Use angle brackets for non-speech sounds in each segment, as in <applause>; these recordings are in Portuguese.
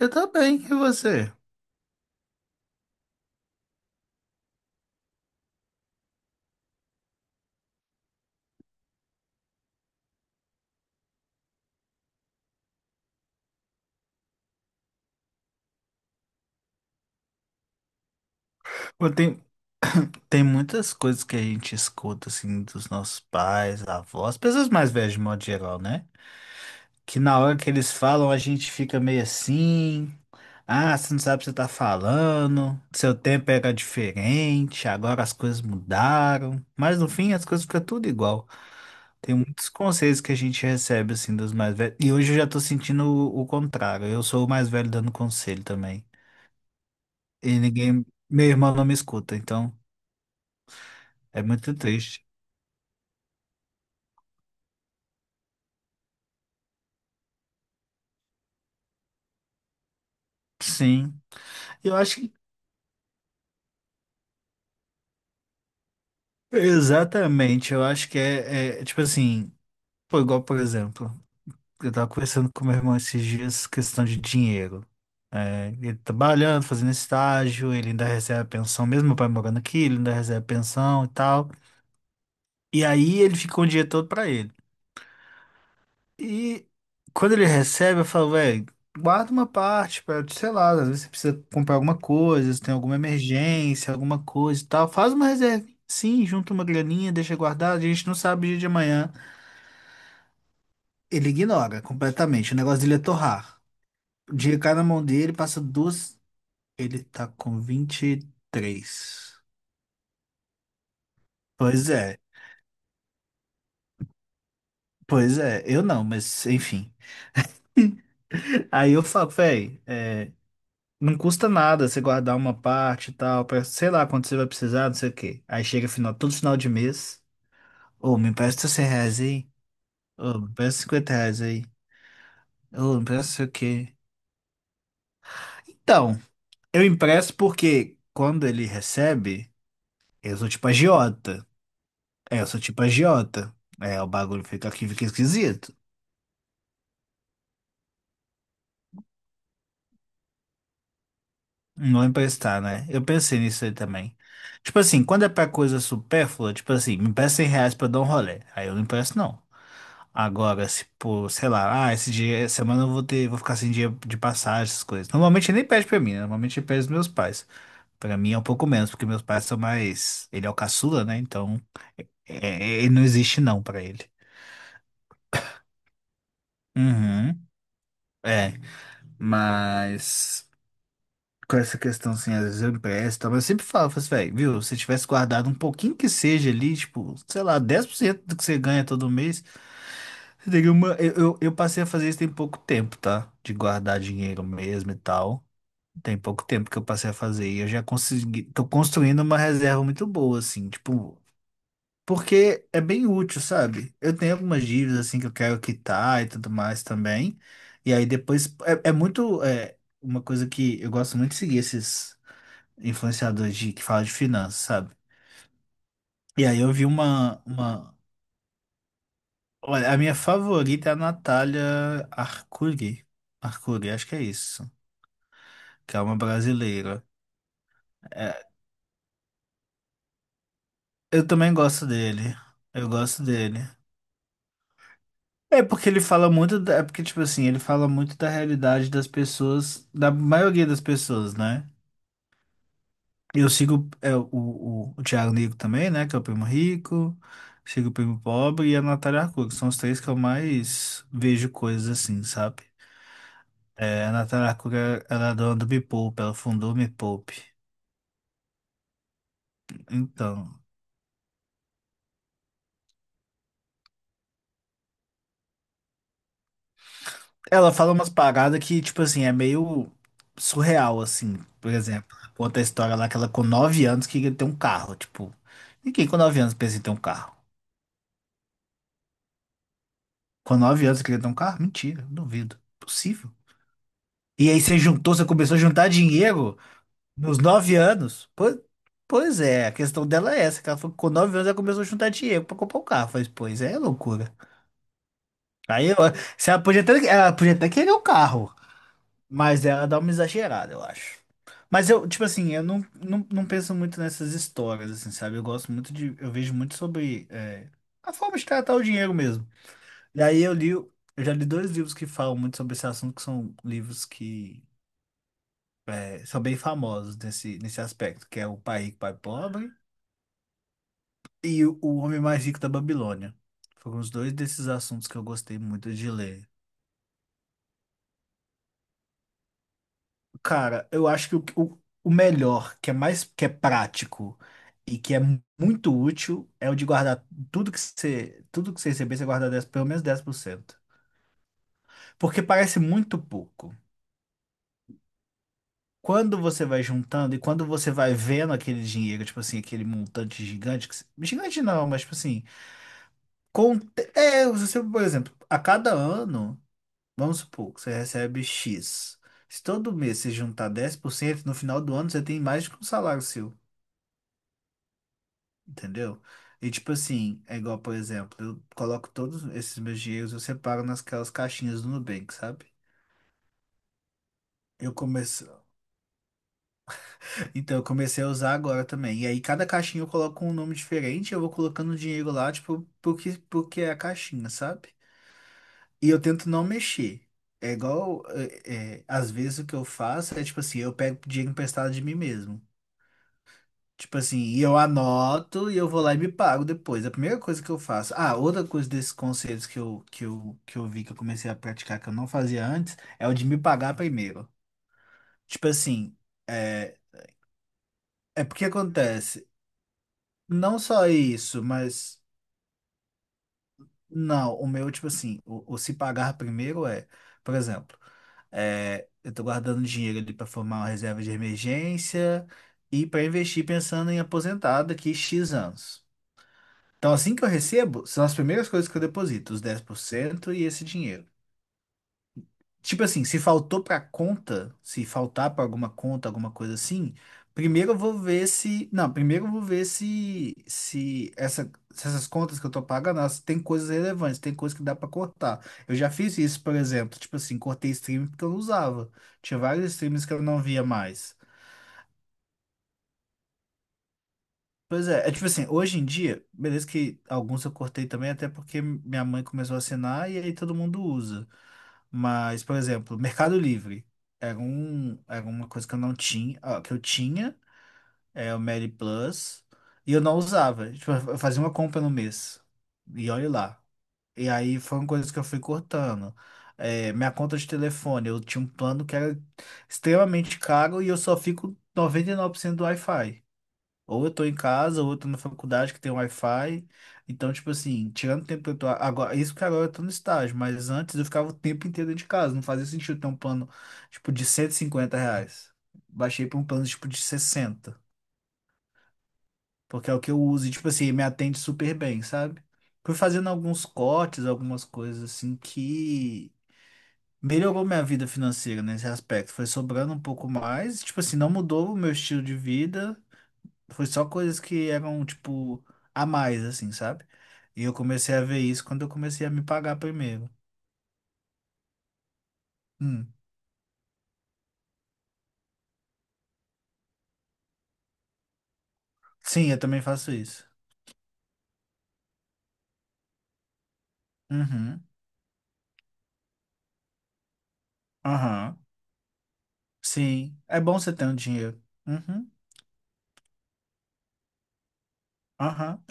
Eu também, e você? Pô, <coughs> <clears throat> tem muitas coisas que a gente escuta, assim, dos nossos pais, avós, pessoas mais velhas de modo geral, né? Que na hora que eles falam, a gente fica meio assim, ah, você não sabe o que você tá falando, seu tempo era diferente, agora as coisas mudaram. Mas no fim, as coisas ficam tudo igual. Tem muitos conselhos que a gente recebe, assim, dos mais velhos. E hoje eu já tô sentindo o contrário, eu sou o mais velho dando conselho também. E ninguém, meu irmão não me escuta, então... É muito triste. Sim. Eu acho que. Exatamente. Eu acho que é, tipo assim. Pô, igual, por exemplo, eu tava conversando com meu irmão esses dias, questão de dinheiro. É, ele trabalhando, fazendo estágio, ele ainda recebe a pensão, mesmo o pai morando aqui, ele ainda recebe a pensão e tal. E aí ele ficou o dinheiro todo pra ele. E quando ele recebe, eu falo, velho, guarda uma parte pra, sei lá, às vezes você precisa comprar alguma coisa, se tem alguma emergência, alguma coisa e tal. Faz uma reserva, sim, junta uma graninha, deixa guardado, a gente não sabe o dia de amanhã. Ele ignora completamente. O negócio dele é torrar. O dinheiro cai na mão dele, passa duas. Ele tá com 23. Pois é, eu não, mas enfim. <laughs> Aí eu falo, velho. Não custa nada você guardar uma parte e tal, pra, sei lá quando você vai precisar, não sei o quê. Aí chega final, todo final de mês. Ô, me empresta R$ 100 aí. Ô, me empresta R$ 50 aí. Ô, me empresta não sei o quê. Então, eu empresto porque quando ele recebe, eu sou tipo agiota. É, eu sou tipo agiota. É, o bagulho fica aqui, fica esquisito. Não emprestar, né? Eu pensei nisso aí também. Tipo assim, quando é pra coisa supérflua, tipo assim, me empresta R$ 100 pra eu dar um rolê. Aí eu não empresto, não. Agora, se por, sei lá, ah, esse dia, essa semana eu vou ter, vou ficar sem dinheiro de passagem, essas coisas. Normalmente ele nem pede pra mim, né? Normalmente ele pede os meus pais. Pra mim é um pouco menos, porque meus pais são mais. Ele é o caçula, né? Então, ele não existe não pra ele. Uhum. É, mas, com essa questão, assim, às vezes eu empresto, e tal, mas eu sempre falo, falo assim, velho, viu, se tivesse guardado um pouquinho que seja ali, tipo, sei lá, 10% do que você ganha todo mês, você teria uma... eu passei a fazer isso tem pouco tempo, tá? De guardar dinheiro mesmo e tal. Tem pouco tempo que eu passei a fazer e eu já consegui, tô construindo uma reserva muito boa, assim, tipo, porque é bem útil, sabe? Eu tenho algumas dívidas, assim, que eu quero quitar e tudo mais também, e aí depois, é, é muito, é, uma coisa que eu gosto muito de seguir esses influenciador que fala de finanças, sabe? E aí eu vi Olha, a minha favorita é a Natália Arcuri. Arcuri, acho que é isso. Que é uma brasileira. É, eu também gosto dele. Eu gosto dele. É porque ele fala muito... É porque, tipo assim, ele fala muito da realidade das pessoas... Da maioria das pessoas, né? Eu sigo é, o Thiago Negro também, né? Que é o primo rico. Sigo o primo pobre e a Natália Arcuri, que são os três que eu mais vejo coisas assim, sabe? É, a Natália Natarakura, ela é dona do Me Poupe, ela fundou o Me Poupe. Então, ela fala umas paradas que, tipo assim, é meio surreal, assim. Por exemplo, conta a história lá que ela com 9 anos queria ter um carro. Tipo, ninguém com 9 anos pensa em ter um carro. Com nove anos queria ter um carro? Mentira, duvido. Possível. E aí você juntou, você começou a juntar dinheiro nos 9 anos? Pois, é, a questão dela é essa, que ela falou que com 9 anos ela começou a juntar dinheiro pra comprar um carro. Eu falei, pois é, loucura. Aí eu, se ela podia até, ela podia até querer o carro, mas ela dá uma exagerada, eu acho. Mas eu, tipo assim, eu não não, penso muito nessas histórias, assim, sabe? Eu gosto muito de, eu vejo muito sobre é, a forma de tratar o dinheiro mesmo. E aí eu li, eu já li dois livros que falam muito sobre esse assunto, que são livros que é, são bem famosos nesse, nesse aspecto, que é O Pai Rico, Pai Pobre e O Homem Mais Rico da Babilônia. Foram os dois desses assuntos que eu gostei muito de ler. Cara, eu acho que o melhor, que é mais, que é prático e que é muito útil, é o de guardar tudo que você receber, você guarda 10, pelo menos 10%. Porque parece muito pouco. Quando você vai juntando e quando você vai vendo aquele dinheiro, tipo assim, aquele montante gigante, que, gigante não, mas tipo assim, com, é, você, por exemplo, a cada ano, vamos supor que você recebe X. Se todo mês você juntar 10% no final do ano você tem mais do que um salário seu. Entendeu? E tipo assim, é igual, por exemplo, eu coloco todos esses meus dinheiros, eu separo nasquelas caixinhas do Nubank, sabe? Eu comecei. <laughs> Então, eu comecei a usar agora também. E aí, cada caixinha eu coloco um nome diferente, eu vou colocando o dinheiro lá, tipo, porque, porque é a caixinha, sabe? E eu tento não mexer. É igual, às vezes o que eu faço é tipo assim, eu pego dinheiro emprestado de mim mesmo. Tipo assim, e eu anoto e eu vou lá e me pago depois. A primeira coisa que eu faço. Ah, outra coisa desses conselhos que eu, que eu vi que eu comecei a praticar que eu não fazia antes é o de me pagar primeiro. Tipo assim, é, é porque acontece. Não só isso, mas. Não, o meu, tipo assim, o se pagar primeiro é. Por exemplo, é, eu tô guardando dinheiro ali pra formar uma reserva de emergência e pra investir pensando em aposentar daqui X anos. Então, assim que eu recebo, são as primeiras coisas que eu deposito, os 10% e esse dinheiro. Tipo assim, se faltou pra conta, se faltar pra alguma conta, alguma coisa assim, primeiro eu vou ver se, não, primeiro eu vou ver se essas contas que eu tô pagando, elas têm coisas relevantes, tem coisas que dá pra cortar. Eu já fiz isso, por exemplo, tipo assim, cortei stream porque eu não usava. Tinha vários streams que eu não via mais. Pois é, é tipo assim, hoje em dia, beleza que alguns eu cortei também, até porque minha mãe começou a assinar e aí todo mundo usa. Mas, por exemplo, Mercado Livre era, era uma coisa que eu não tinha, ah, que eu tinha, é o Meli Plus, e eu não usava. Tipo, eu fazia uma compra no mês. E olha lá. E aí foram coisas que eu fui cortando. É, minha conta de telefone, eu tinha um plano que era extremamente caro e eu só fico 99% do Wi-Fi. Ou eu tô em casa, ou eu tô na faculdade que tem Wi-Fi. Então, tipo assim, tirando o tempo que eu tô. Agora, isso que agora eu tô no estágio, mas antes eu ficava o tempo inteiro dentro de casa. Não fazia sentido ter um plano, tipo, de R$ 150. Baixei pra um plano, tipo, de 60. Porque é o que eu uso. E, tipo assim, me atende super bem, sabe? Fui fazendo alguns cortes, algumas coisas assim que. Melhorou minha vida financeira nesse aspecto. Foi sobrando um pouco mais. Tipo assim, não mudou o meu estilo de vida. Foi só coisas que eram, tipo, a mais, assim, sabe? E eu comecei a ver isso quando eu comecei a me pagar primeiro. Hum. Sim, eu também faço isso. Uhum. Aham. Sim. É bom você ter um dinheiro. Uhum. Aham.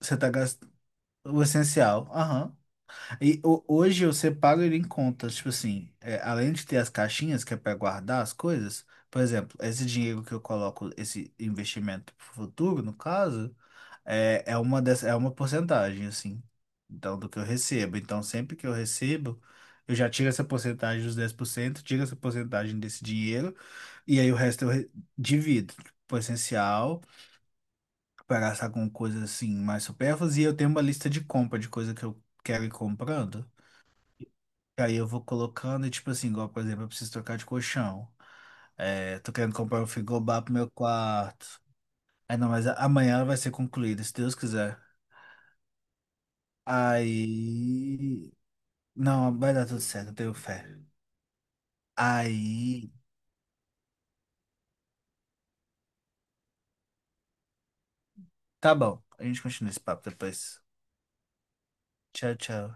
Você tá gastando o essencial. Aham. E hoje eu separo ele em contas, tipo assim, é, além de ter as caixinhas que é para guardar as coisas, por exemplo, esse dinheiro que eu coloco, esse investimento pro futuro, no caso, é, é uma dessa, é uma porcentagem, assim, então, do que eu recebo. Então, sempre que eu recebo, eu já tiro essa porcentagem dos 10%, tiro essa porcentagem desse dinheiro, e aí o resto eu divido pro essencial, para gastar com coisas assim mais supérfluas, e eu tenho uma lista de compra de coisa que eu quero ir comprando. Aí eu vou colocando, e tipo assim, igual, por exemplo, eu preciso trocar de colchão. É, tô querendo comprar um frigobar pro meu quarto. Aí não, mas amanhã ela vai ser concluída, se Deus quiser. Aí. Não, vai dar tudo certo, eu tenho fé. Aí. Tá bom, a gente continua esse papo depois. Tchau, tchau.